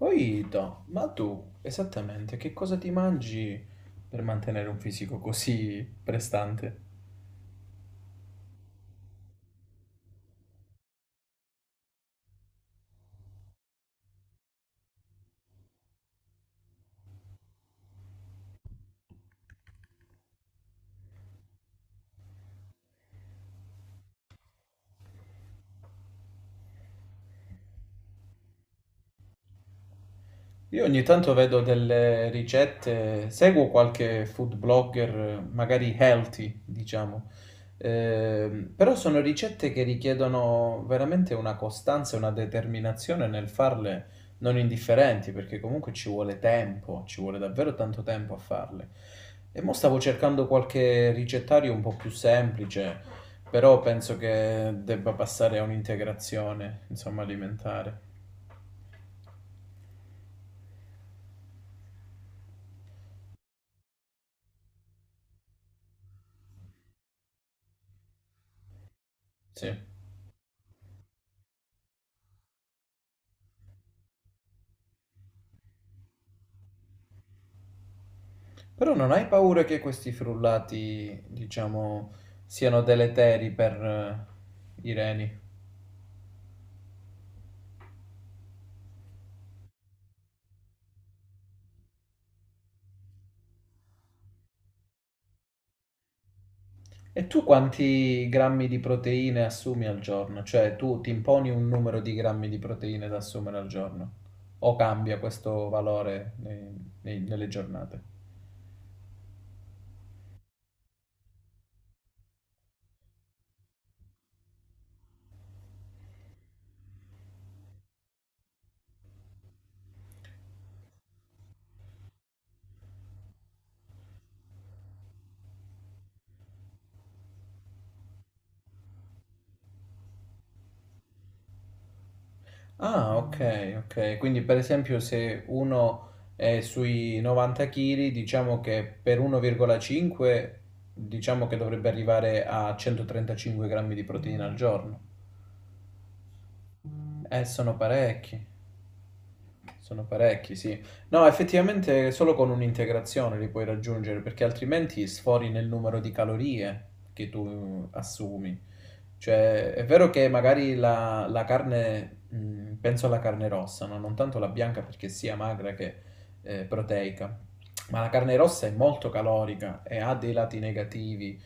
Oito, ma tu esattamente che cosa ti mangi per mantenere un fisico così prestante? Io ogni tanto vedo delle ricette, seguo qualche food blogger, magari healthy, diciamo. Però sono ricette che richiedono veramente una costanza e una determinazione nel farle non indifferenti, perché comunque ci vuole tempo, ci vuole davvero tanto tempo a farle. E mo stavo cercando qualche ricettario un po' più semplice, però penso che debba passare a un'integrazione, insomma, alimentare. Sì. Però non hai paura che questi frullati, diciamo, siano deleteri per i reni? E tu quanti grammi di proteine assumi al giorno? Cioè, tu ti imponi un numero di grammi di proteine da assumere al giorno? O cambia questo valore nelle giornate? Ah, ok, ok. Quindi per esempio se uno è sui 90 kg, diciamo che per 1,5 diciamo che dovrebbe arrivare a 135 grammi di proteina al giorno. Sono parecchi. Sono parecchi, sì. No, effettivamente solo con un'integrazione li puoi raggiungere, perché altrimenti sfori nel numero di calorie che tu assumi. Cioè, è vero che magari la carne, penso alla carne rossa, no? Non tanto la bianca perché sia magra che proteica, ma la carne rossa è molto calorica e ha dei lati negativi.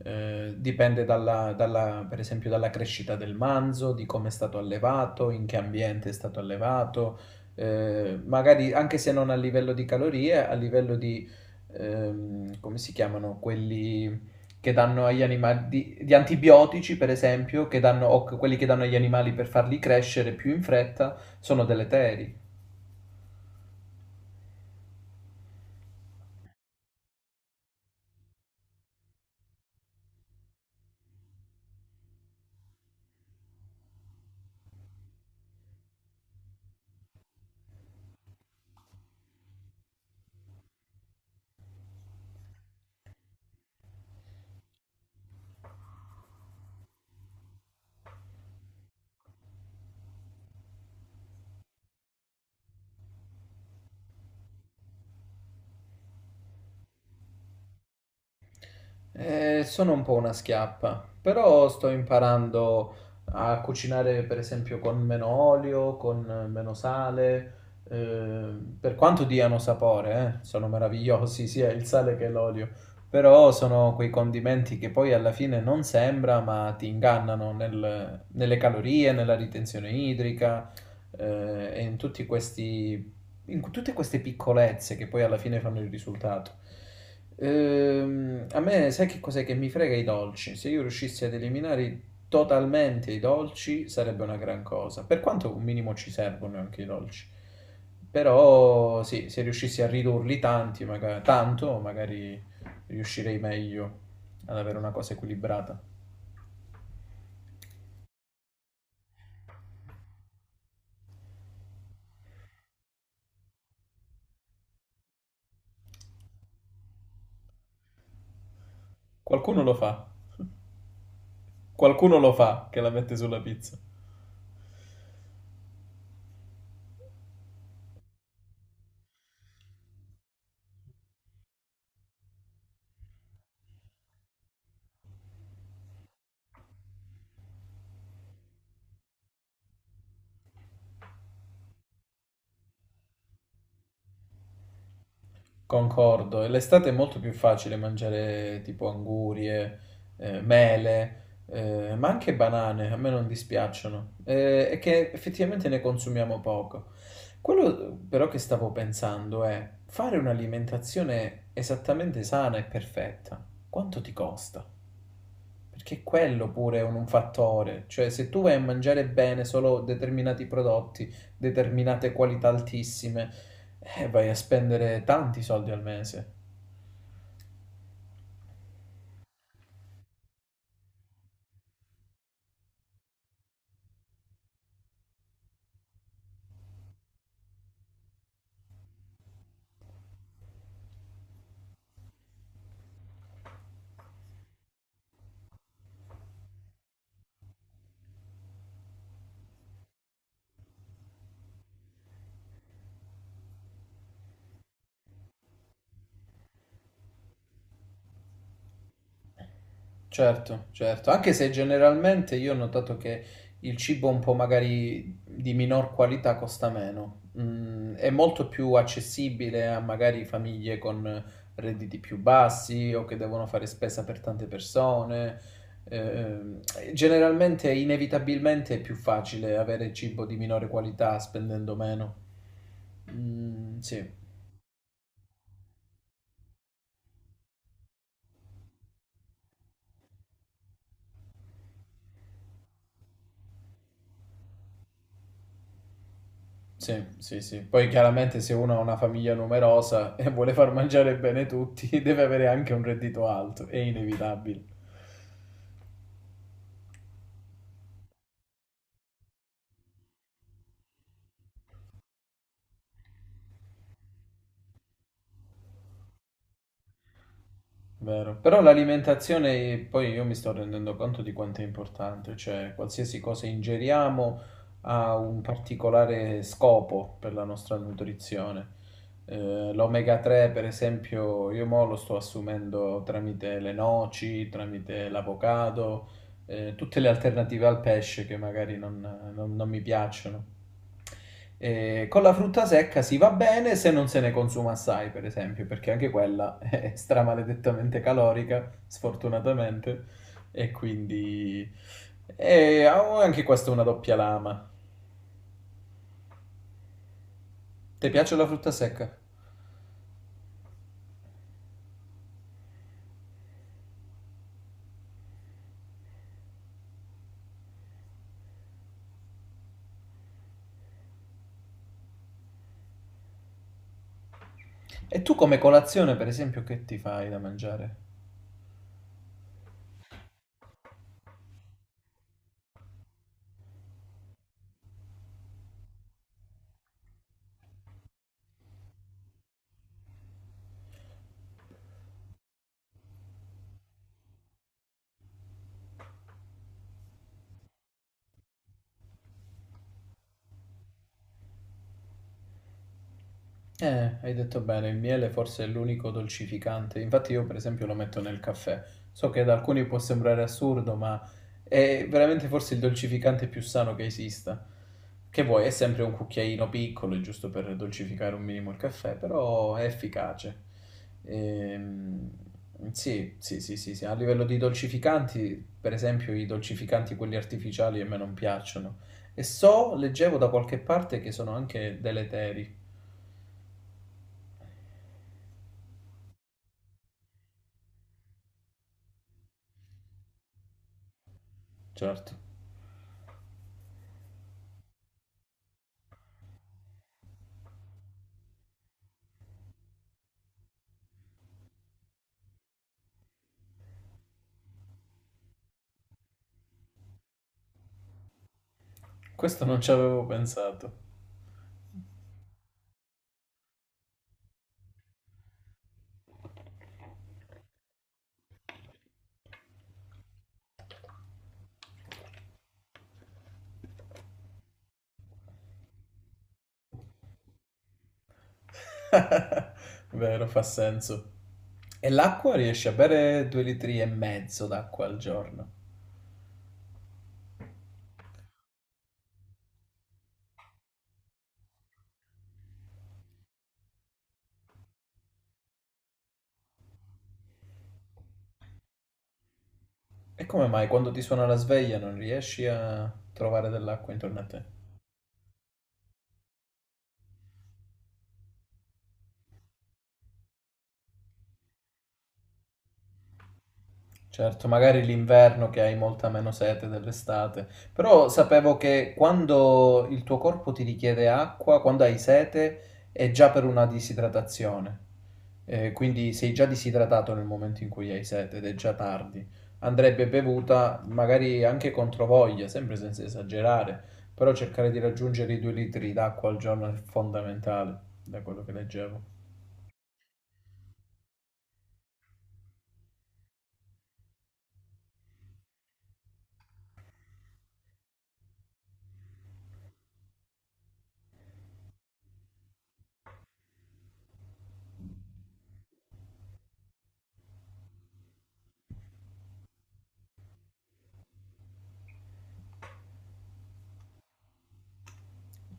Dipende per esempio dalla crescita del manzo, di come è stato allevato, in che ambiente è stato allevato, magari anche se non a livello di calorie, a livello di, come si chiamano quelli che danno agli animali, di antibiotici per esempio, che danno, o quelli che danno agli animali per farli crescere più in fretta, sono deleteri. Sono un po' una schiappa, però sto imparando a cucinare per esempio con meno olio, con meno sale, eh, per quanto diano sapore, sono meravigliosi sia il sale che l'olio, però sono quei condimenti che poi alla fine non sembra, ma ti ingannano nelle calorie, nella ritenzione idrica, e in tutti questi in tutte queste piccolezze che poi alla fine fanno il risultato. A me, sai che cos'è che mi frega i dolci? Se io riuscissi ad eliminare totalmente i dolci sarebbe una gran cosa. Per quanto un minimo ci servono anche i dolci. Però sì, se riuscissi a ridurli tanti, tanto, magari riuscirei meglio ad avere una cosa equilibrata. Qualcuno lo fa. Qualcuno lo fa che la mette sulla pizza. Concordo, e l'estate è molto più facile mangiare tipo angurie, mele, ma anche banane, a me non dispiacciono, e che effettivamente ne consumiamo poco. Quello però che stavo pensando è fare un'alimentazione esattamente sana e perfetta, quanto ti costa? Perché quello pure è un fattore, cioè se tu vai a mangiare bene solo determinati prodotti, determinate qualità altissime, vai a spendere tanti soldi al mese. Certo, certo, anche se generalmente io ho notato che il cibo un po' magari di minor qualità costa meno. Mm, è molto più accessibile a magari famiglie con redditi più bassi o che devono fare spesa per tante persone. Ehm, Generalmente, inevitabilmente è più facile avere cibo di minore qualità spendendo meno. Mm, sì. Sì, sì, sì. Poi chiaramente se uno ha una famiglia numerosa e vuole far mangiare bene tutti, deve avere anche un reddito alto, è inevitabile. Vero. Però l'alimentazione, poi io mi sto rendendo conto di quanto è importante, cioè qualsiasi cosa ingeriamo ha un particolare scopo per la nostra nutrizione. L'omega 3, per esempio, io mo lo sto assumendo tramite le noci, tramite l'avocado, tutte le alternative al pesce che magari non mi piacciono. Con la frutta secca si va bene se non se ne consuma assai, per esempio, perché anche quella è stramaledettamente calorica, sfortunatamente, e quindi... E ha anche questa una doppia lama. Ti piace la frutta secca? E tu come colazione, per esempio, che ti fai da mangiare? Hai detto bene, il miele forse è l'unico dolcificante. Infatti io, per esempio, lo metto nel caffè. So che ad alcuni può sembrare assurdo, ma è veramente forse il dolcificante più sano che esista. Che vuoi, è sempre un cucchiaino piccolo, giusto per dolcificare un minimo il caffè, però è efficace. Ehm, sì, sì, sì, sì, sì. A livello di dolcificanti, per esempio, i dolcificanti quelli artificiali a me non piacciono. E so, leggevo da qualche parte che sono anche deleteri, certo. Questo non ci avevo pensato. Vero, fa senso. E l'acqua riesci a bere 2,5 litri d'acqua al giorno. E come mai quando ti suona la sveglia non riesci a trovare dell'acqua intorno a te? Certo, magari l'inverno che hai molta meno sete dell'estate, però sapevo che quando il tuo corpo ti richiede acqua, quando hai sete, è già per una disidratazione. Quindi sei già disidratato nel momento in cui hai sete ed è già tardi. Andrebbe bevuta magari anche contro voglia, sempre senza esagerare, però cercare di raggiungere i 2 litri d'acqua al giorno è fondamentale, da quello che leggevo.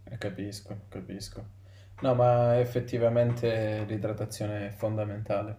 Capisco, capisco. No, ma effettivamente l'idratazione è fondamentale.